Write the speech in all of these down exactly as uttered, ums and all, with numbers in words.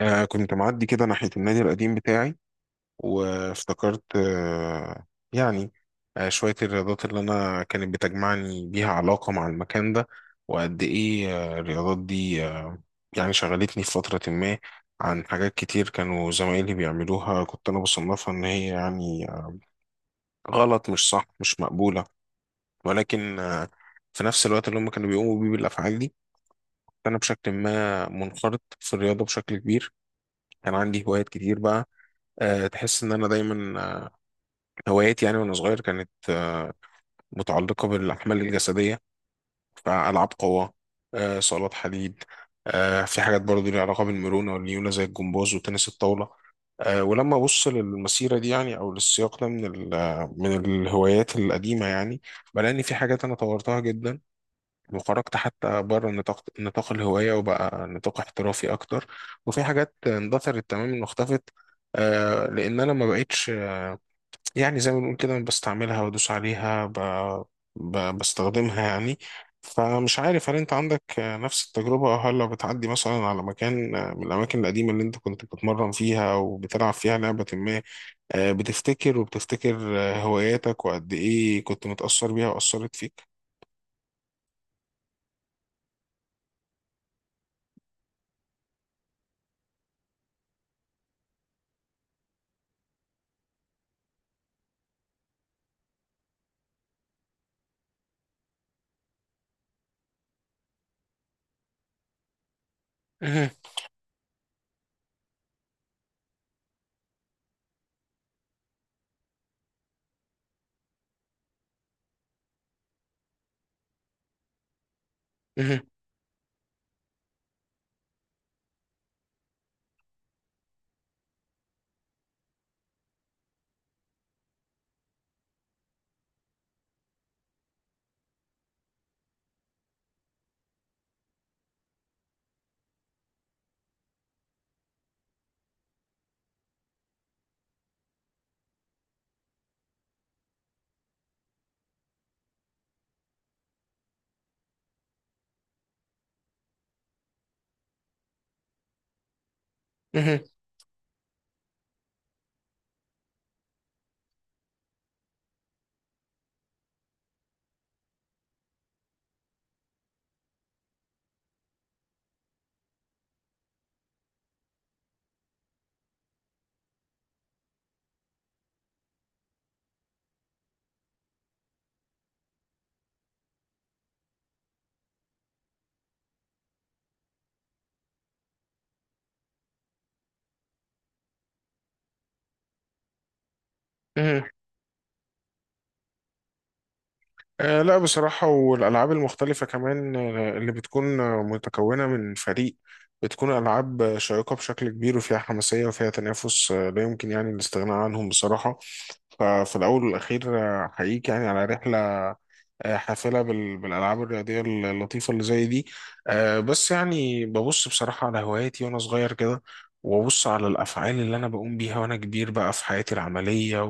آه كنت معدي كده ناحية النادي القديم بتاعي، وافتكرت آه يعني آه شوية الرياضات اللي أنا كانت بتجمعني بيها علاقة مع المكان ده، وقد إيه آه الرياضات دي آه يعني شغلتني في فترة ما عن حاجات كتير كانوا زمايلي بيعملوها، كنت أنا بصنفها إن هي يعني غلط، مش صح، مش مقبولة. ولكن آه في نفس الوقت اللي هم كانوا بيقوموا بيه بالأفعال دي، أنا بشكل ما منخرط في الرياضة بشكل كبير. كان عندي هوايات كتير بقى. آه، تحس ان انا دايما آه، هواياتي يعني وانا صغير كانت آه، متعلقه بالاحمال الجسديه، فالعاب قوه، آه، صالات حديد. آه، في حاجات برضو ليها علاقه بالمرونه والليونه زي الجمباز وتنس الطاوله. آه، ولما ابص للمسيره دي يعني او للسياق ده من ال- آه، من الهوايات القديمه يعني، بلاقي ان في حاجات انا طورتها جدا وخرجت حتى بره نطاق نطاق الهوايه وبقى نطاق احترافي اكتر، وفي حاجات اندثرت تماما واختفت. آه، لان انا ما بقتش يعني زي ما بنقول كده بستعملها، بدوس عليها، ب... ب... بستخدمها يعني. فمش عارف هل انت عندك آه، نفس التجربة، او هل لو بتعدي مثلا على مكان آه، من الأماكن القديمة اللي انت كنت بتتمرن فيها وبتلعب فيها لعبة ما، آه، بتفتكر وبتفتكر آه، هواياتك وقد ايه كنت متأثر بيها وأثرت فيك؟ مهم. مهم. مهم. آه لا بصراحة، والألعاب المختلفة كمان آه، اللي بتكون آه، متكونة من فريق بتكون ألعاب آه، شيقة بشكل كبير وفيها حماسية وفيها تنافس آه، لا يمكن يعني الاستغناء عنهم بصراحة. ففي الأول والأخير آه، أحييك يعني على رحلة آه، حافلة بال- بالألعاب الرياضية اللطيفة اللي زي دي. آه، بس يعني ببص بصراحة على هواياتي وأنا صغير كده، وأبص على الأفعال اللي أنا بقوم بيها وأنا كبير بقى في حياتي العملية،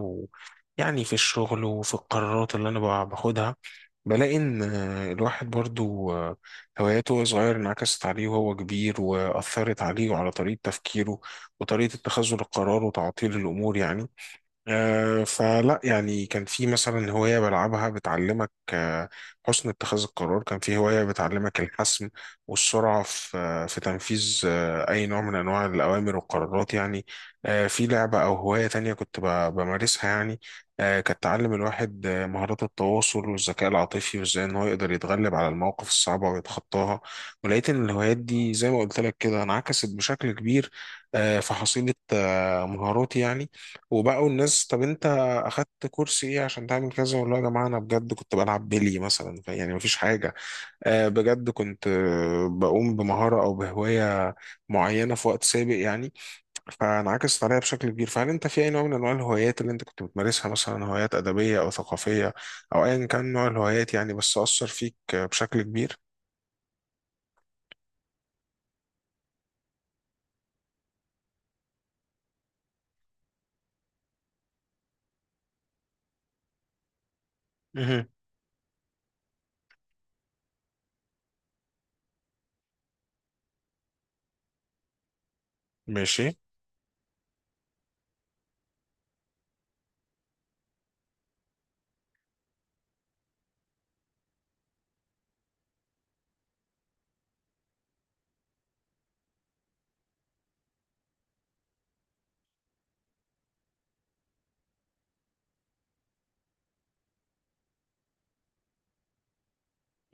ويعني في الشغل وفي القرارات اللي أنا بع- باخدها. بلاقي إن آه، الواحد برضو آه، هواياته وهو صغير انعكست عليه وهو كبير، وأثرت عليه وعلى طريقة تفكيره وطريقة اتخاذه للقرار وتعطيل الأمور يعني. آه، فلا يعني كان في مثلا هواية بلعبها بتعلمك آه، حسن اتخاذ القرار، كان في هواية بتعلمك الحسم والسرعة في آه، في تنفيذ آه، أي نوع من أنواع الأوامر والقرارات يعني. آه، في لعبة أو هواية تانية كنت ب- بمارسها يعني آه، كانت تعلم الواحد آه، مهارات التواصل والذكاء العاطفي، وإزاي إن هو يقدر يتغلب على المواقف الصعبة ويتخطاها. ولقيت إن الهوايات دي زي ما قلت لك كده انعكست بشكل كبير آه، في حصيلة آه، مهاراتي يعني. وبقوا الناس، طب انت اخدت كورس ايه عشان تعمل كذا؟ والله يا جماعه، انا بجد كنت بلعب بيلي مثلا، ف- يعني مفيش حاجه آه بجد كنت آه، بقوم بمهاره او بهوايه معينه في وقت سابق يعني، فانعكست عليا بشكل كبير. فهل انت في اي نوع من انواع الهوايات اللي انت كنت بتمارسها، مثلا هوايات ادبيه او ثقافيه او ايا كان نوع الهوايات يعني، بس اثر فيك آه، بشكل كبير؟ مهم. ماشي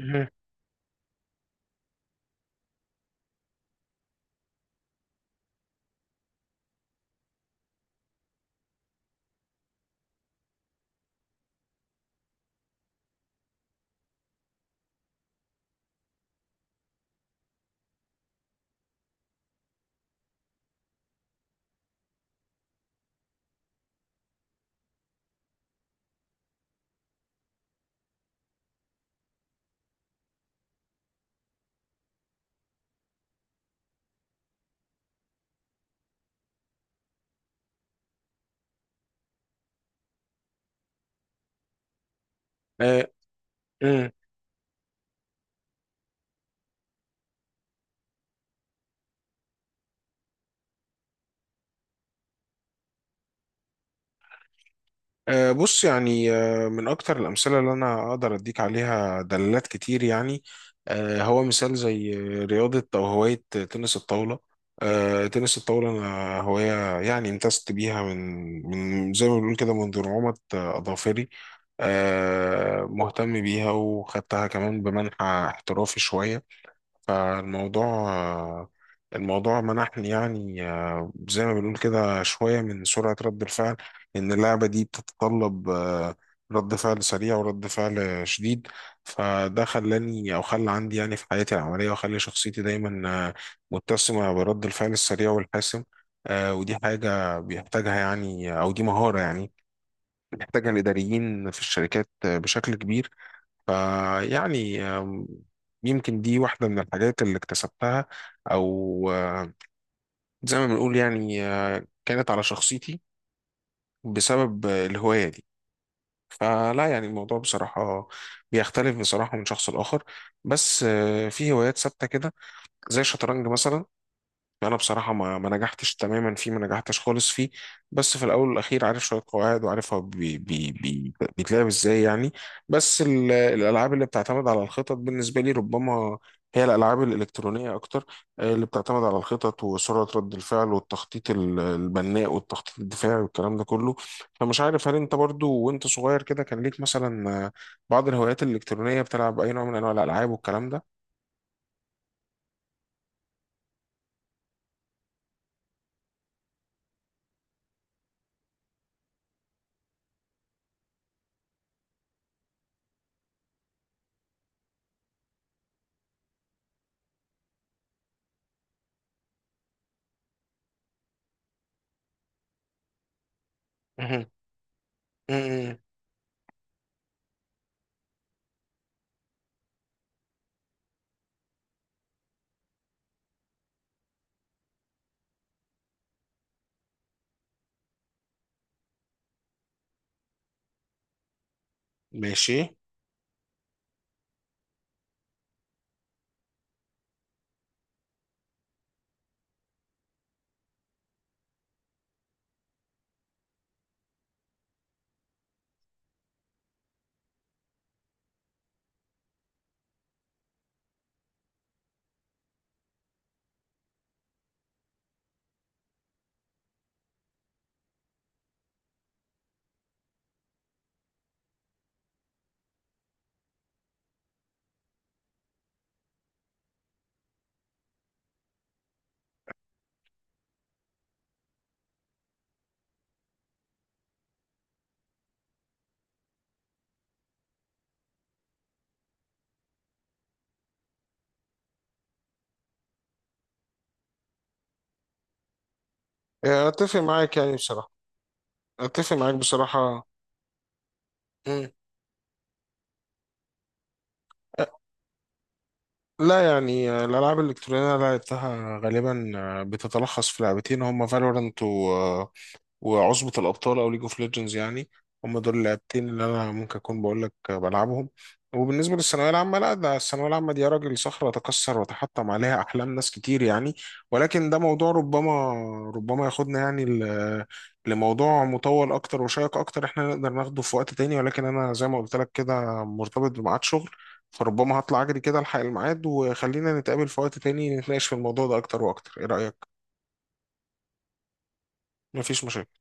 مهم. آه. أه، بص يعني أه، من أكتر الأمثلة اللي أنا أقدر أديك عليها دلالات كتير يعني، أه، هو مثال زي رياضة أو هواية تنس الطاولة. أه، تنس الطاولة أنا هواية يعني امتزجت بيها من من زي ما بنقول كده منذ نعومة أظافري، أه، مهتم بيها وخدتها كمان بمنحى احترافي شوية. فالموضوع آه، الموضوع منحني يعني آه، زي ما بنقول كده شوية من سرعة رد الفعل. إن اللعبة دي بتتطلب آه، رد فعل سريع ورد فعل آه، شديد. فده خلاني أو خلى عندي يعني في حياتي العملية، وخلى شخصيتي دايما آه، متسمة برد الفعل السريع والحاسم. آه، ودي حاجة بيحتاجها يعني، أو دي مهارة يعني بيحتاجها الإداريين في الشركات آه، بشكل كبير. فيعني آم، يمكن دي واحدة من الحاجات اللي اكتسبتها، أو آه، زي ما بنقول يعني آه، كانت على شخصيتي بسبب آه، الهواية دي. فلا يعني الموضوع بصراحة بيختلف بصراحة من شخص لآخر. بس آه، في هوايات ثابتة كده زي الشطرنج مثلا، انا بصراحه ما ما نجحتش تماما فيه، ما نجحتش خالص فيه. بس في الاول والاخير عارف شويه قواعد، وعارف هو بي بي بي بيتلعب ازاي يعني. بس ال- الالعاب اللي بتعتمد على الخطط بالنسبه لي ربما هي الالعاب الالكترونيه اكتر. آه، اللي بتعتمد على الخطط وسرعه رد الفعل، والتخطيط ال- البناء والتخطيط الدفاعي والكلام ده كله. فمش عارف هل انت برضو وانت صغير كده كان ليك مثلا آه، بعض الهوايات الالكترونيه؟ بتلعب اي نوع من انواع الالعاب والكلام ده؟ مهم. مهم. ماشي يعني اتفق معاك يعني بصراحه. اتفق معاك بصراحه. مم. لا يعني آه، الالعاب الالكترونيه اللي لعبتها غالبا آه، بتتلخص في لعبتين، هما فالورنت وعصبة الأبطال أو ليج أوف ليجندز يعني. هم دول اللعبتين اللي أنا ممكن أكون بقول لك بلعبهم. وبالنسبة للثانوية العامة، لا، ده الثانوية العامة دي يا راجل صخرة تكسر وتحطم عليها أحلام ناس كتير يعني. ولكن ده موضوع ربما، ربما ياخدنا يعني ل- لموضوع مطول أكتر وشيق أكتر، إحنا نقدر ناخده في وقت تاني. ولكن أنا زي ما قلت لك كده مرتبط بميعاد شغل، فربما هطلع أجري كده ألحق الميعاد، وخلينا نتقابل في وقت تاني نتناقش في الموضوع ده أكتر وأكتر. إيه رأيك؟ مفيش مشاكل.